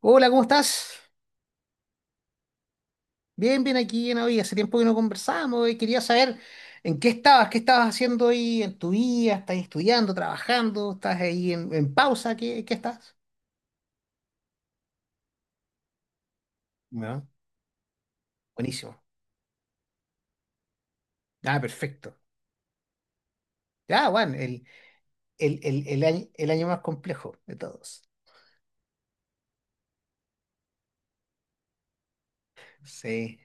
Hola, ¿cómo estás? Bien, bien aquí en hoy. Hace tiempo que no conversamos y quería saber en qué estabas haciendo hoy en tu vida. ¿Estás estudiando, trabajando? ¿Estás ahí en pausa? ¿Qué estás? ¿No? Buenísimo. Ah, perfecto. Ah, bueno, el año más complejo de todos. Sí,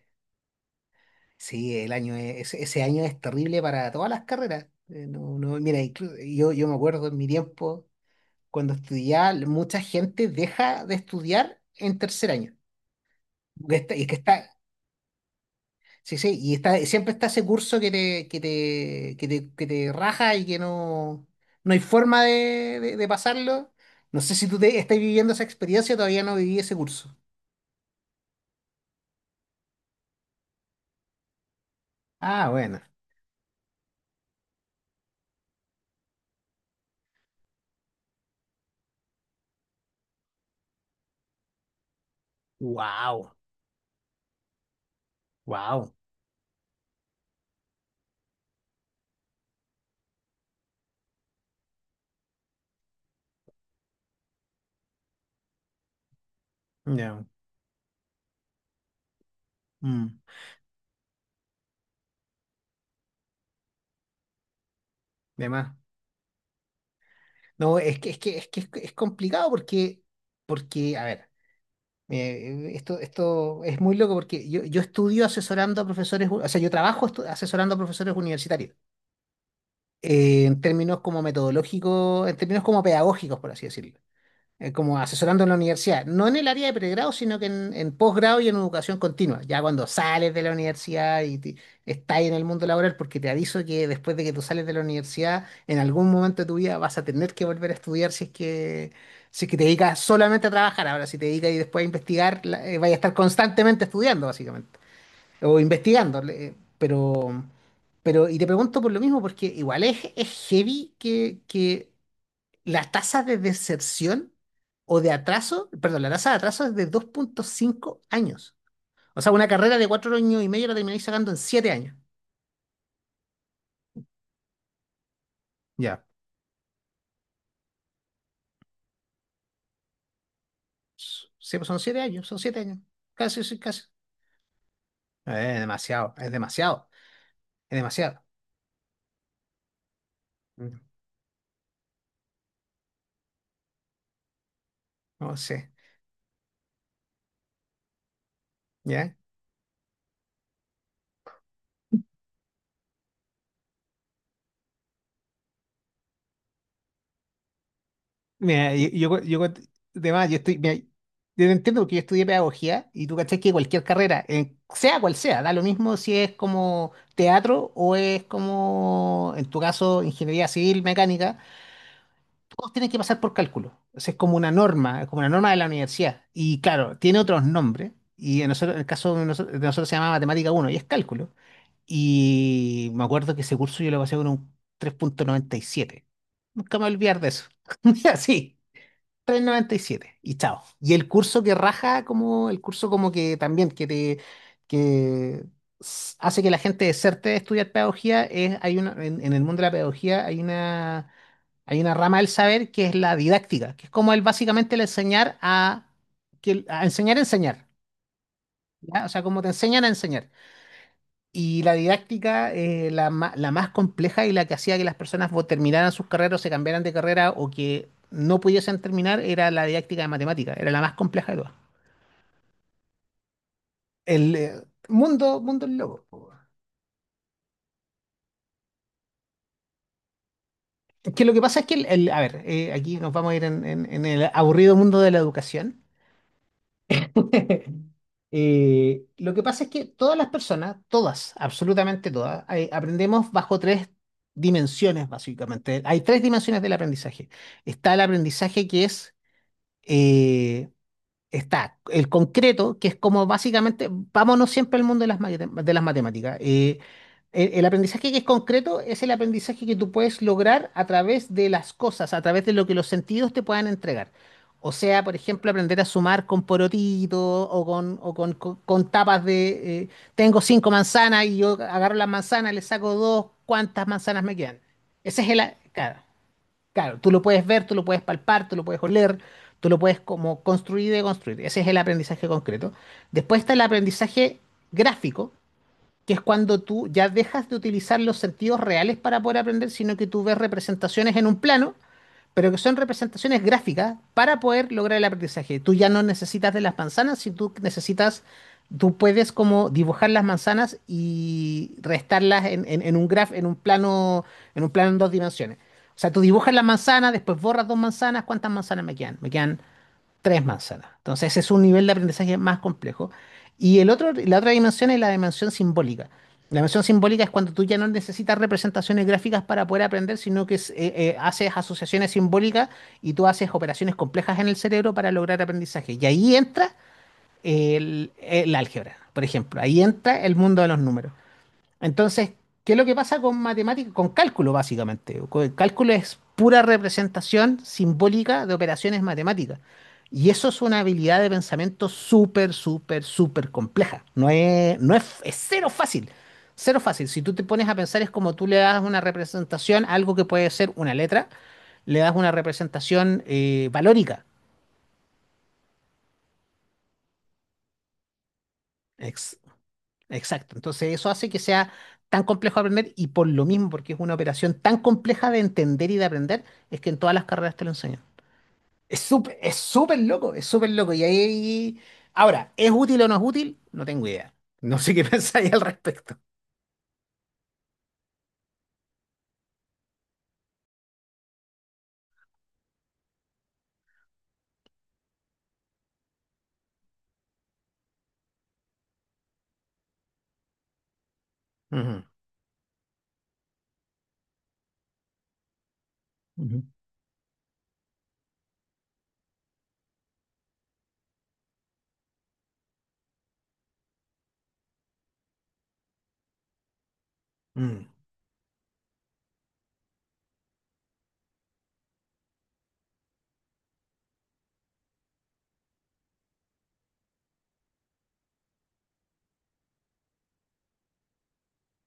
sí, el año ese año es terrible para todas las carreras. No, no, mira, yo me acuerdo en mi tiempo, cuando estudiaba, mucha gente deja de estudiar en tercer año. Que está, y que está, Sí, sí, siempre está ese curso que te raja y que no hay forma de pasarlo. No sé si tú estás viviendo esa experiencia, todavía no viví ese curso. Ah, bueno. Wow, wow. Ya. Mm, de más. No, es que es complicado porque a ver, esto es muy loco porque yo estudio asesorando a profesores, o sea, yo trabajo asesorando a profesores universitarios. En términos como metodológicos, en términos como pedagógicos, por así decirlo, como asesorando en la universidad, no en el área de pregrado, sino que en posgrado y en educación continua, ya cuando sales de la universidad y estás en el mundo laboral, porque te aviso que después de que tú sales de la universidad, en algún momento de tu vida vas a tener que volver a estudiar si es que te dedicas solamente a trabajar, ahora si te dedicas y después a investigar, vaya a estar constantemente estudiando, básicamente o investigando, pero, y te pregunto por lo mismo, porque igual es heavy que las tasas de deserción o de atraso, perdón, la tasa de atraso es de 2,5 años. O sea, una carrera de 4 años y medio la termináis sacando en 7 años. Ya. Sí, pues son 7 años, son 7 años. Casi, sí, casi. Es demasiado, es demasiado, es demasiado. Mm. No sé, ¿ya? Mira, yo de más, mira, yo te entiendo porque yo estudié pedagogía y tú cachás que cualquier carrera, sea cual sea, da lo mismo si es como teatro o es como, en tu caso, ingeniería civil, mecánica, todos tienen que pasar por cálculo. O sea, es como una norma, es como una norma de la universidad. Y claro, tiene otros nombres. Y nosotros, en el caso de nosotros se llama Matemática uno y es cálculo. Y me acuerdo que ese curso yo lo pasé con un 3,97. Nunca me voy a olvidar de eso. Así 3,97 y siete y chao. Y el curso que raja, como el curso como que también que te que hace que la gente deserte de estudiar pedagogía, en el mundo de la pedagogía hay una rama del saber que es la didáctica, que es como el básicamente el enseñar a enseñar a enseñar, ¿ya? O sea, como te enseñan a enseñar. Y la didáctica, la más compleja y la que hacía que las personas terminaran sus carreras o se cambiaran de carrera o que no pudiesen terminar, era la didáctica de matemática, era la más compleja de todas. El mundo del loco, po. Es que lo que pasa es que, a ver, aquí nos vamos a ir en el aburrido mundo de la educación. Lo que pasa es que todas las personas, todas, absolutamente todas, aprendemos bajo tres dimensiones, básicamente. Hay tres dimensiones del aprendizaje. Está el aprendizaje que es eh, está el concreto, que es como básicamente, vámonos siempre al mundo de de las matemáticas. El aprendizaje que es concreto es el aprendizaje que tú puedes lograr a través de las cosas, a través de lo que los sentidos te puedan entregar. O sea, por ejemplo, aprender a sumar con porotitos con tapas de... tengo cinco manzanas y yo agarro las manzanas, le saco dos, ¿cuántas manzanas me quedan? Ese es el... a- Claro. Claro, tú lo puedes ver, tú lo puedes palpar, tú lo puedes oler, tú lo puedes como construir y deconstruir. Ese es el aprendizaje concreto. Después está el aprendizaje gráfico, que es cuando tú ya dejas de utilizar los sentidos reales para poder aprender, sino que tú ves representaciones en un plano pero que son representaciones gráficas para poder lograr el aprendizaje. Tú ya no necesitas de las manzanas, si tú necesitas, tú puedes como dibujar las manzanas y restarlas en un plano en dos dimensiones. O sea, tú dibujas las manzanas, después borras dos manzanas, ¿cuántas manzanas me quedan? Me quedan tres manzanas. Entonces, ese es un nivel de aprendizaje más complejo. Y la otra dimensión es la dimensión simbólica. La dimensión simbólica es cuando tú ya no necesitas representaciones gráficas para poder aprender, sino que haces asociaciones simbólicas y tú haces operaciones complejas en el cerebro para lograr aprendizaje. Y ahí entra el álgebra, por ejemplo. Ahí entra el mundo de los números. Entonces, ¿qué es lo que pasa con matemáticas, con cálculo, básicamente? El cálculo es pura representación simbólica de operaciones matemáticas. Y eso es una habilidad de pensamiento súper, súper, súper compleja. No es, no es, es cero fácil. Cero fácil. Si tú te pones a pensar, es como tú le das una representación a algo que puede ser una letra, le das una representación valórica. Ex- Exacto. Entonces eso hace que sea tan complejo de aprender y por lo mismo, porque es una operación tan compleja de entender y de aprender, es que en todas las carreras te lo enseñan. Es súper loco, es súper loco. Ahora, ¿es útil o no es útil? No tengo idea. No sé qué pensáis al respecto. Ujú, ujú, mm,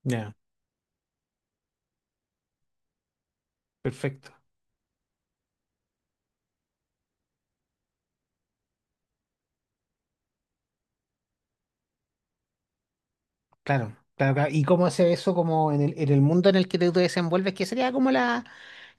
ya, perfecto. Claro, claro, claro. ¿Y cómo hace eso como en el mundo en el que te desenvuelves? Que sería como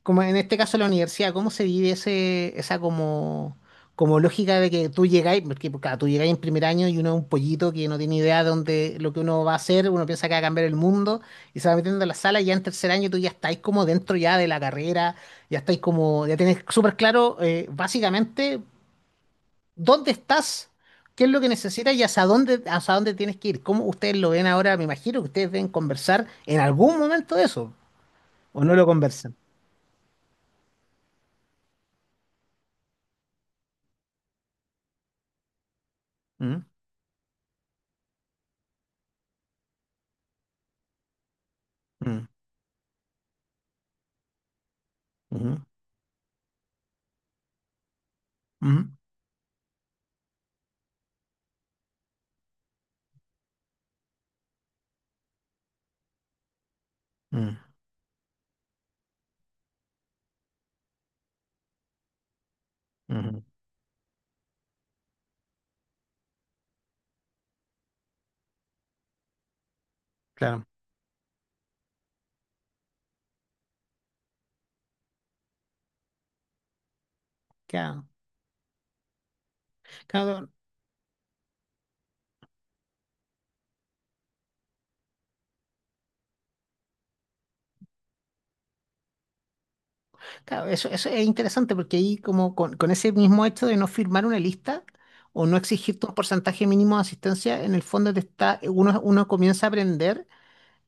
como en este caso la universidad, ¿cómo se vive esa como, como lógica de que tú llegáis, porque pues, claro, tú llegáis en primer año y uno es un pollito que no tiene idea de dónde, lo que uno va a hacer, uno piensa que va a cambiar el mundo y se va metiendo en la sala y ya en tercer año tú ya estáis como dentro ya de la carrera, ya estáis como, ya tenés súper claro básicamente dónde estás. ¿Qué es lo que necesitas y hacia dónde tienes que ir? ¿Cómo ustedes lo ven ahora? Me imagino que ustedes deben conversar en algún momento de eso, o no lo conversan. Mm, mm, ujú. Ujú, mm, ujú. Claro, claro, claro, claro, eso es interesante porque ahí como con ese mismo hecho de no firmar una lista o no exigirte un porcentaje mínimo de asistencia, en el fondo uno comienza a aprender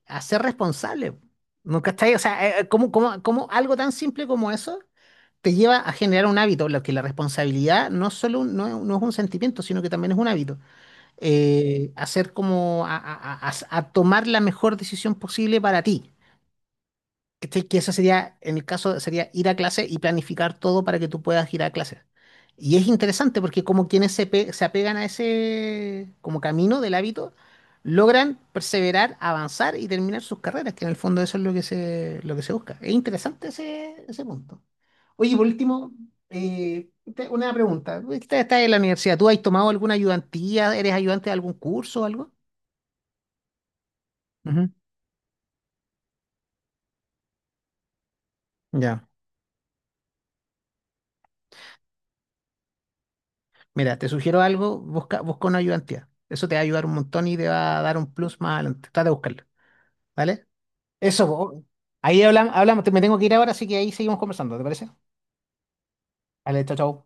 a ser responsable. ¿No cachai? O sea, ¿cómo algo tan simple como eso te lleva a generar un hábito? Lo que la responsabilidad no es solo no es un sentimiento, sino que también es un hábito. Hacer como a tomar la mejor decisión posible para ti. ¿Cachai? Que eso sería, en el caso, sería ir a clase y planificar todo para que tú puedas ir a clase. Y es interesante porque como quienes se apegan a ese como camino del hábito, logran perseverar, avanzar y terminar sus carreras, que en el fondo eso es lo que se busca. Es interesante ese punto. Oye, por último, eh, una pregunta. Estás en la universidad, ¿tú has tomado alguna ayudantía? ¿Eres ayudante de algún curso o algo? Ujú. Ya. Mira, te sugiero algo, busca, busca una ayudantía. Eso te va a ayudar un montón y te va a dar un plus más adelante. Trata de buscarlo, ¿vale? Eso, po. Ahí hablamos, hablamos. Me tengo que ir ahora, así que ahí seguimos conversando, ¿te parece? Vale, chao, chao.